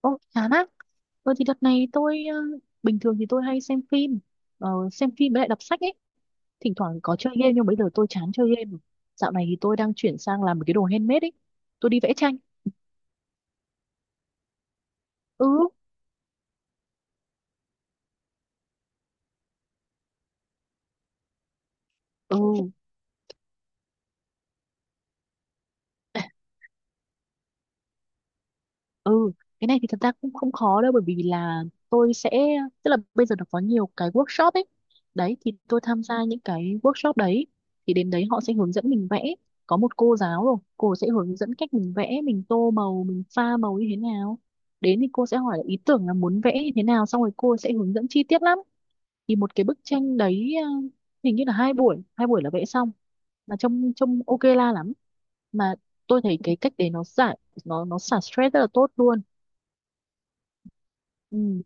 Ô, chán á. Ờ thì đợt này tôi bình thường thì tôi hay xem phim với lại đọc sách ấy. Thỉnh thoảng có chơi game nhưng bây giờ tôi chán chơi game rồi. Dạo này thì tôi đang chuyển sang làm một cái đồ handmade ấy. Tôi đi vẽ tranh. Ừ, ừ. Ừ, cái này thì thật ra cũng không khó đâu bởi vì là tôi sẽ tức là bây giờ nó có nhiều cái workshop ấy. Đấy thì tôi tham gia những cái workshop đấy thì đến đấy họ sẽ hướng dẫn mình vẽ. Có một cô giáo rồi, cô sẽ hướng dẫn cách mình vẽ, mình tô màu, mình pha màu như thế nào. Đến thì cô sẽ hỏi là ý tưởng là muốn vẽ như thế nào xong rồi cô sẽ hướng dẫn chi tiết lắm. Thì một cái bức tranh đấy hình như là 2 buổi, 2 buổi là vẽ xong mà trông trông ok la lắm. Mà tôi thấy cái cách đấy nó giải nó xả stress rất là tốt luôn. Ừ.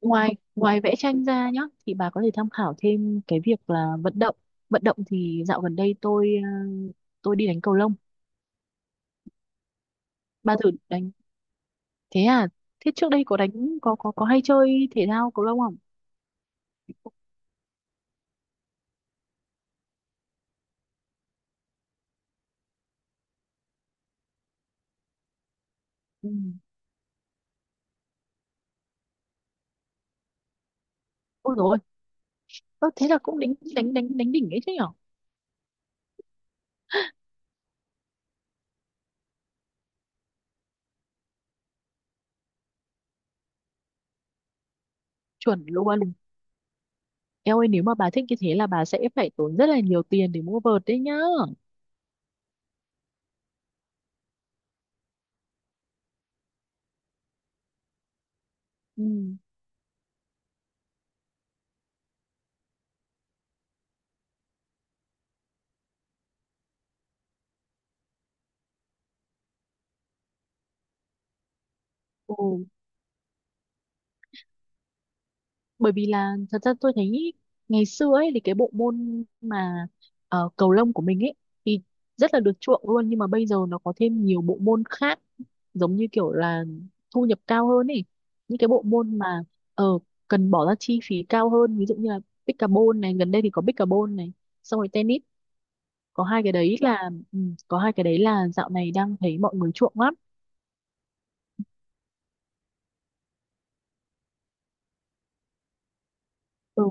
ngoài ngoài vẽ tranh ra nhá thì bà có thể tham khảo thêm cái việc là vận động. Vận động thì dạo gần đây tôi đi đánh cầu lông. Bà thử đánh. Thế à? Thế trước đây có đánh có hay chơi thể thao cầu lông không? Ừ. Ôi rồi, thế là cũng đánh đánh đánh đánh đỉnh ấy chứ nhở. Chuẩn luôn. Eo ơi, nếu mà bà thích như thế là bà sẽ phải tốn rất là nhiều tiền để mua vợt đấy nhá. Ừ. Ừ. Bởi vì là thật ra tôi thấy ngày xưa ấy thì cái bộ môn mà cầu lông của mình ấy thì rất là được chuộng luôn, nhưng mà bây giờ nó có thêm nhiều bộ môn khác giống như kiểu là thu nhập cao hơn ấy, những cái bộ môn mà ờ cần bỏ ra chi phí cao hơn, ví dụ như là pickleball này, gần đây thì có pickleball này, xong rồi tennis. có hai cái đấy là ừ, có hai cái đấy là dạo này đang thấy mọi người chuộng lắm. Ừ.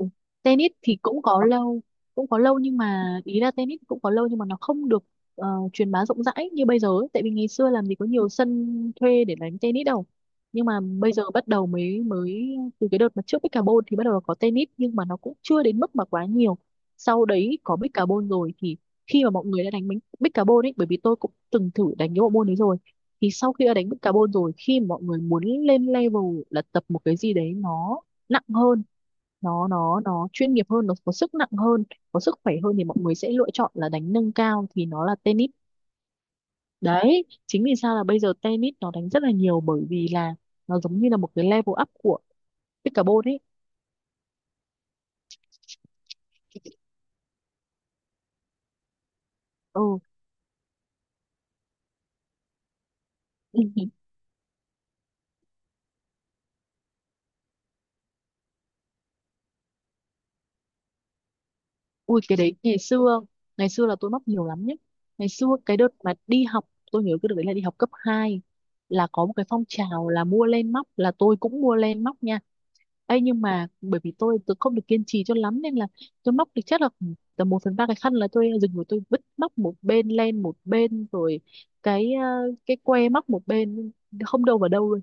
Tennis thì cũng có lâu, nhưng mà ý là tennis cũng có lâu nhưng mà nó không được ờ, truyền bá rộng rãi như bây giờ ấy. Tại vì ngày xưa làm gì có nhiều sân thuê để đánh tennis đâu, nhưng mà bây giờ bắt đầu mới mới từ cái đợt mà trước Bích Carbon thì bắt đầu có tennis nhưng mà nó cũng chưa đến mức mà quá nhiều. Sau đấy có Bích Carbon rồi thì khi mà mọi người đã đánh Bích Carbon ấy, bởi vì tôi cũng từng thử đánh cái bộ môn đấy rồi, thì sau khi đã đánh Bích Carbon rồi, khi mà mọi người muốn lên level là tập một cái gì đấy nó nặng hơn, nó chuyên nghiệp hơn, nó có sức nặng hơn, có sức khỏe hơn, thì mọi người sẽ lựa chọn là đánh nâng cao thì nó là tennis. Đấy chính vì sao là bây giờ tennis nó đánh rất là nhiều, bởi vì là nó giống như là một cái level up của pickleball ấy. Ừ. Ui, cái đấy ngày xưa, ngày xưa là tôi mắc nhiều lắm nhé. Ngày xưa cái đợt mà đi học, tôi nhớ cái đợt đấy là đi học cấp 2, là có một cái phong trào là mua len móc, là tôi cũng mua len móc nha. Ê, nhưng mà bởi vì tôi không được kiên trì cho lắm, nên là tôi móc được chắc là khoảng tầm 1/3 cái khăn là tôi dừng rồi, tôi vứt móc một bên, len một bên, rồi cái ờ, cái que móc một bên, không đâu vào đâu luôn.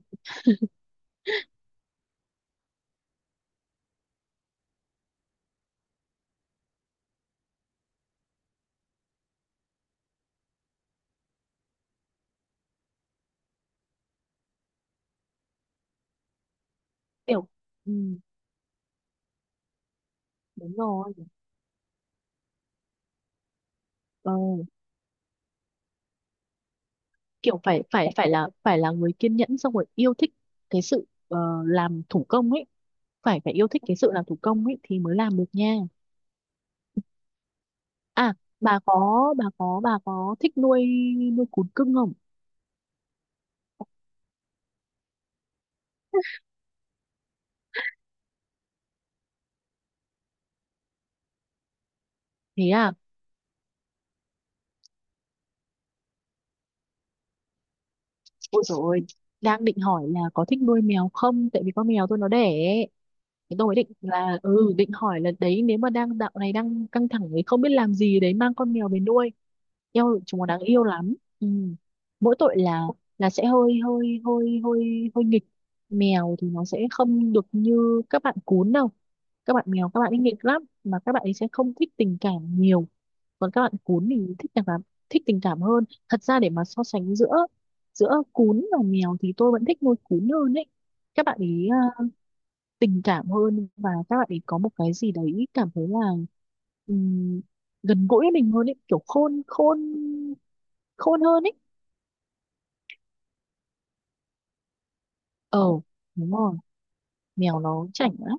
Kiểu, ừ, đúng rồi. Ờ, kiểu phải phải phải là người kiên nhẫn, xong rồi yêu thích cái sự làm thủ công ấy, phải phải yêu thích cái sự làm thủ công ấy thì mới làm được nha. À, bà có bà có thích nuôi nuôi cún cưng không? Thế à. Ôi dồi ôi, đang định hỏi là có thích nuôi mèo không? Tại vì con mèo tôi nó đẻ ấy. Thế tôi định hỏi là đấy, nếu mà dạo này đang căng thẳng ấy, không biết làm gì, đấy mang con mèo về nuôi, yêu chúng nó, đáng yêu lắm. Ừ. Mỗi tội là sẽ hơi hơi hơi hơi hơi nghịch. Mèo thì nó sẽ không được như các bạn cún đâu, các bạn mèo, các bạn ấy nghịch lắm, mà các bạn ấy sẽ không thích tình cảm nhiều, còn các bạn cún thì thích tình cảm hơn. Thật ra để mà so sánh giữa giữa cún và mèo thì tôi vẫn thích nuôi cún hơn ấy. Các bạn ấy à, tình cảm hơn, và các bạn ấy có một cái gì đấy cảm thấy là ừm, gần gũi với mình hơn ấy, kiểu khôn khôn khôn hơn ấy. Ờ, đúng rồi. Mèo nó chảnh lắm.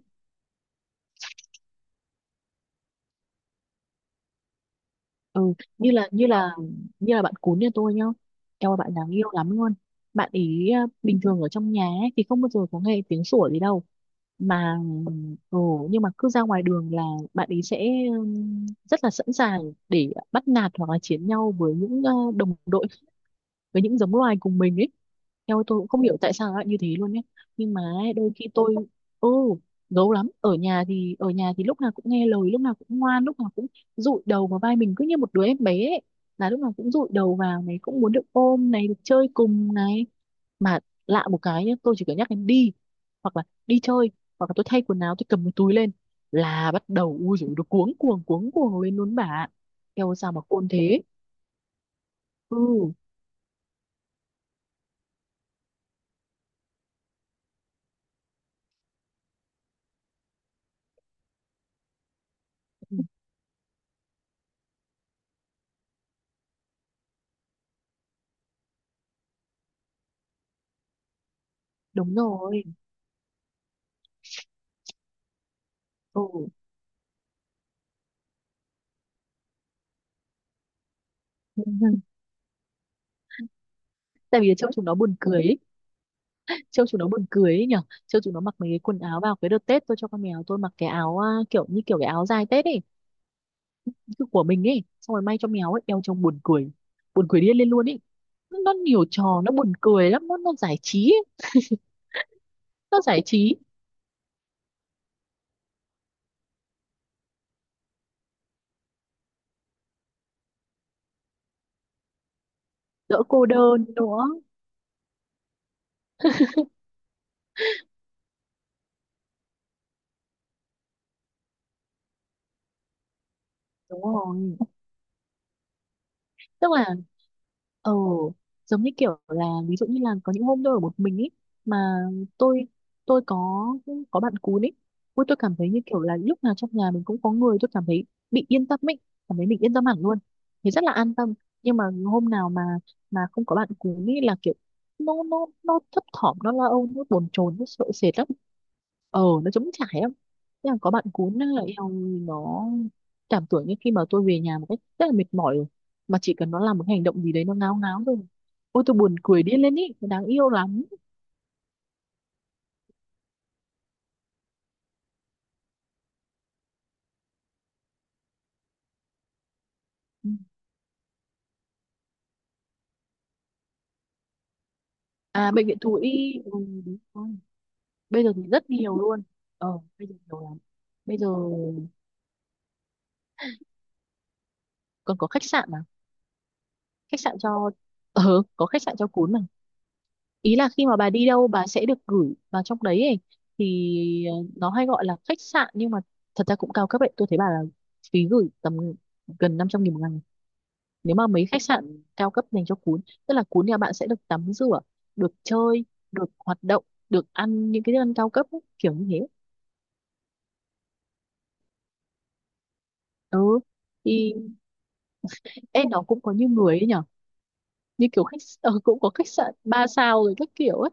Ừ, như là như là như là bạn cún nhà tôi nhá. Eo ơi, bạn đáng yêu lắm luôn. Bạn ý à, bình thường ở trong nhà ấy, thì không bao giờ có nghe tiếng sủa gì đâu, mà ừ, nhưng mà cứ ra ngoài đường là bạn ý sẽ rất là sẵn sàng để bắt nạt hoặc là chiến nhau với những đồng đội, với những giống loài cùng mình ấy. Theo tôi cũng không hiểu tại sao lại như thế luôn ấy, nhưng mà ấy, đôi khi tôi. Ừ. Gấu lắm. Ở nhà thì lúc nào cũng nghe lời, lúc nào cũng ngoan, lúc nào cũng dụi đầu vào vai mình cứ như một đứa em bé ấy. Là lúc nào cũng dụi đầu vào này, cũng muốn được ôm này, được chơi cùng này. Mà lạ một cái nhá, tôi chỉ cần nhắc em đi, hoặc là đi chơi, hoặc là tôi thay quần áo, tôi cầm cái túi lên, là bắt đầu ui dồi, nó cuống cuồng lên luôn bà ạ. Theo sao mà khôn thế. Ừ, đúng rồi. Ừ. Vâng. Vâng. Tại vì trông chúng nó buồn cười ấy. Trông chúng nó buồn cười ấy nhở. Trông chúng nó mặc mấy cái quần áo, vào cái đợt Tết tôi cho con mèo tôi mặc cái áo à, kiểu như kiểu cái áo dài Tết ấy, cứ của mình ấy xong rồi may cho mèo ấy đeo, trông buồn cười, buồn cười điên lên luôn ấy. Nó nhiều trò, nó buồn cười lắm, nó giải trí ấy. Nó giải trí. Đỡ cô đơn nữa. Đúng rồi. Tức là ờ giống như kiểu là, ví dụ như là có những hôm tôi ở một mình ấy, mà tôi tôi có bạn cún ấy, ui tôi cảm thấy như kiểu là lúc nào trong nhà mình cũng có người, tôi cảm thấy bị yên tâm ấy, cảm thấy mình yên tâm hẳn luôn, thì rất là an tâm. Nhưng mà hôm nào mà không có bạn cún ấy là kiểu nó thấp thỏm, nó lo âu, nó bồn chồn, nó sợ sệt lắm. Ờ, nó trống trải lắm. Thế là có bạn cún là eo, nó cảm tưởng như khi mà tôi về nhà một cách rất là mệt mỏi, mà chỉ cần nó làm một hành động gì đấy, nó ngáo ngáo rồi, ôi tôi buồn cười điên lên ý, nó đáng yêu lắm. Ừ. À, bệnh viện thú y, ừ, đúng rồi. Bây giờ thì rất nhiều luôn. Ờ, bây giờ nhiều lắm. Bây giờ còn có khách sạn mà, khách sạn cho ờ có khách sạn cho cún mà. Ý là khi mà bà đi đâu bà sẽ được gửi vào trong đấy ấy. Thì nó hay gọi là khách sạn nhưng mà thật ra cũng cao cấp ấy, tôi thấy bà là phí gửi tầm gần 500.000 một ngày, nếu mà mấy khách sạn cao cấp dành cho cún. Tức là cún nhà bạn sẽ được tắm rửa, được chơi, được hoạt động, được ăn những cái thức ăn cao cấp ấy, kiểu như thế. Ừ, thì em nó cũng có như người ấy nhở. Như kiểu cũng có khách sạn 3 sao rồi các kiểu ấy.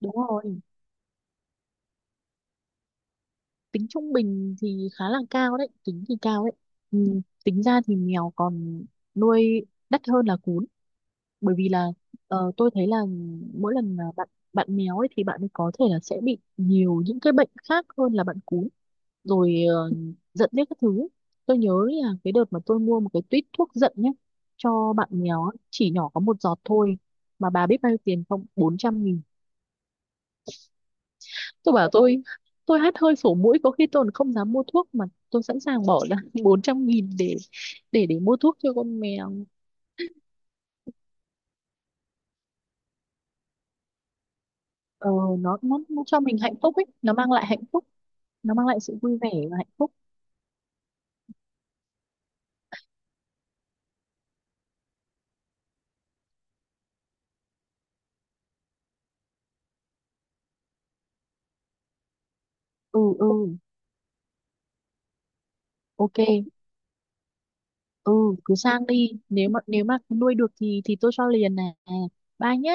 Đúng rồi, tính trung bình thì khá là cao đấy, tính thì cao đấy. Ừ, tính ra thì mèo còn nuôi đắt hơn là cún, bởi vì là tôi thấy là mỗi lần mà bạn bạn mèo ấy thì bạn ấy có thể là sẽ bị nhiều những cái bệnh khác hơn là bạn cún. Rồi giận biết các thứ, tôi nhớ là cái đợt mà tôi mua một cái tuýt thuốc giận nhé, cho bạn mèo á, chỉ nhỏ có một giọt thôi, mà bà biết bao nhiêu tiền không? 400.000. Tôi bảo tôi hắt hơi sổ mũi có khi tôi còn không dám mua thuốc, mà tôi sẵn sàng bỏ ra 400.000 để mua thuốc cho con mèo. Ờ, nó, nó nó cho mình hạnh phúc ấy, nó mang lại hạnh phúc, nó mang lại sự vui vẻ và hạnh phúc. Ừ, ừ. Ok. Ừ, cứ sang đi, nếu mà nuôi được thì tôi cho liền nè. Bye nhá.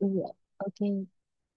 Ừ, ok.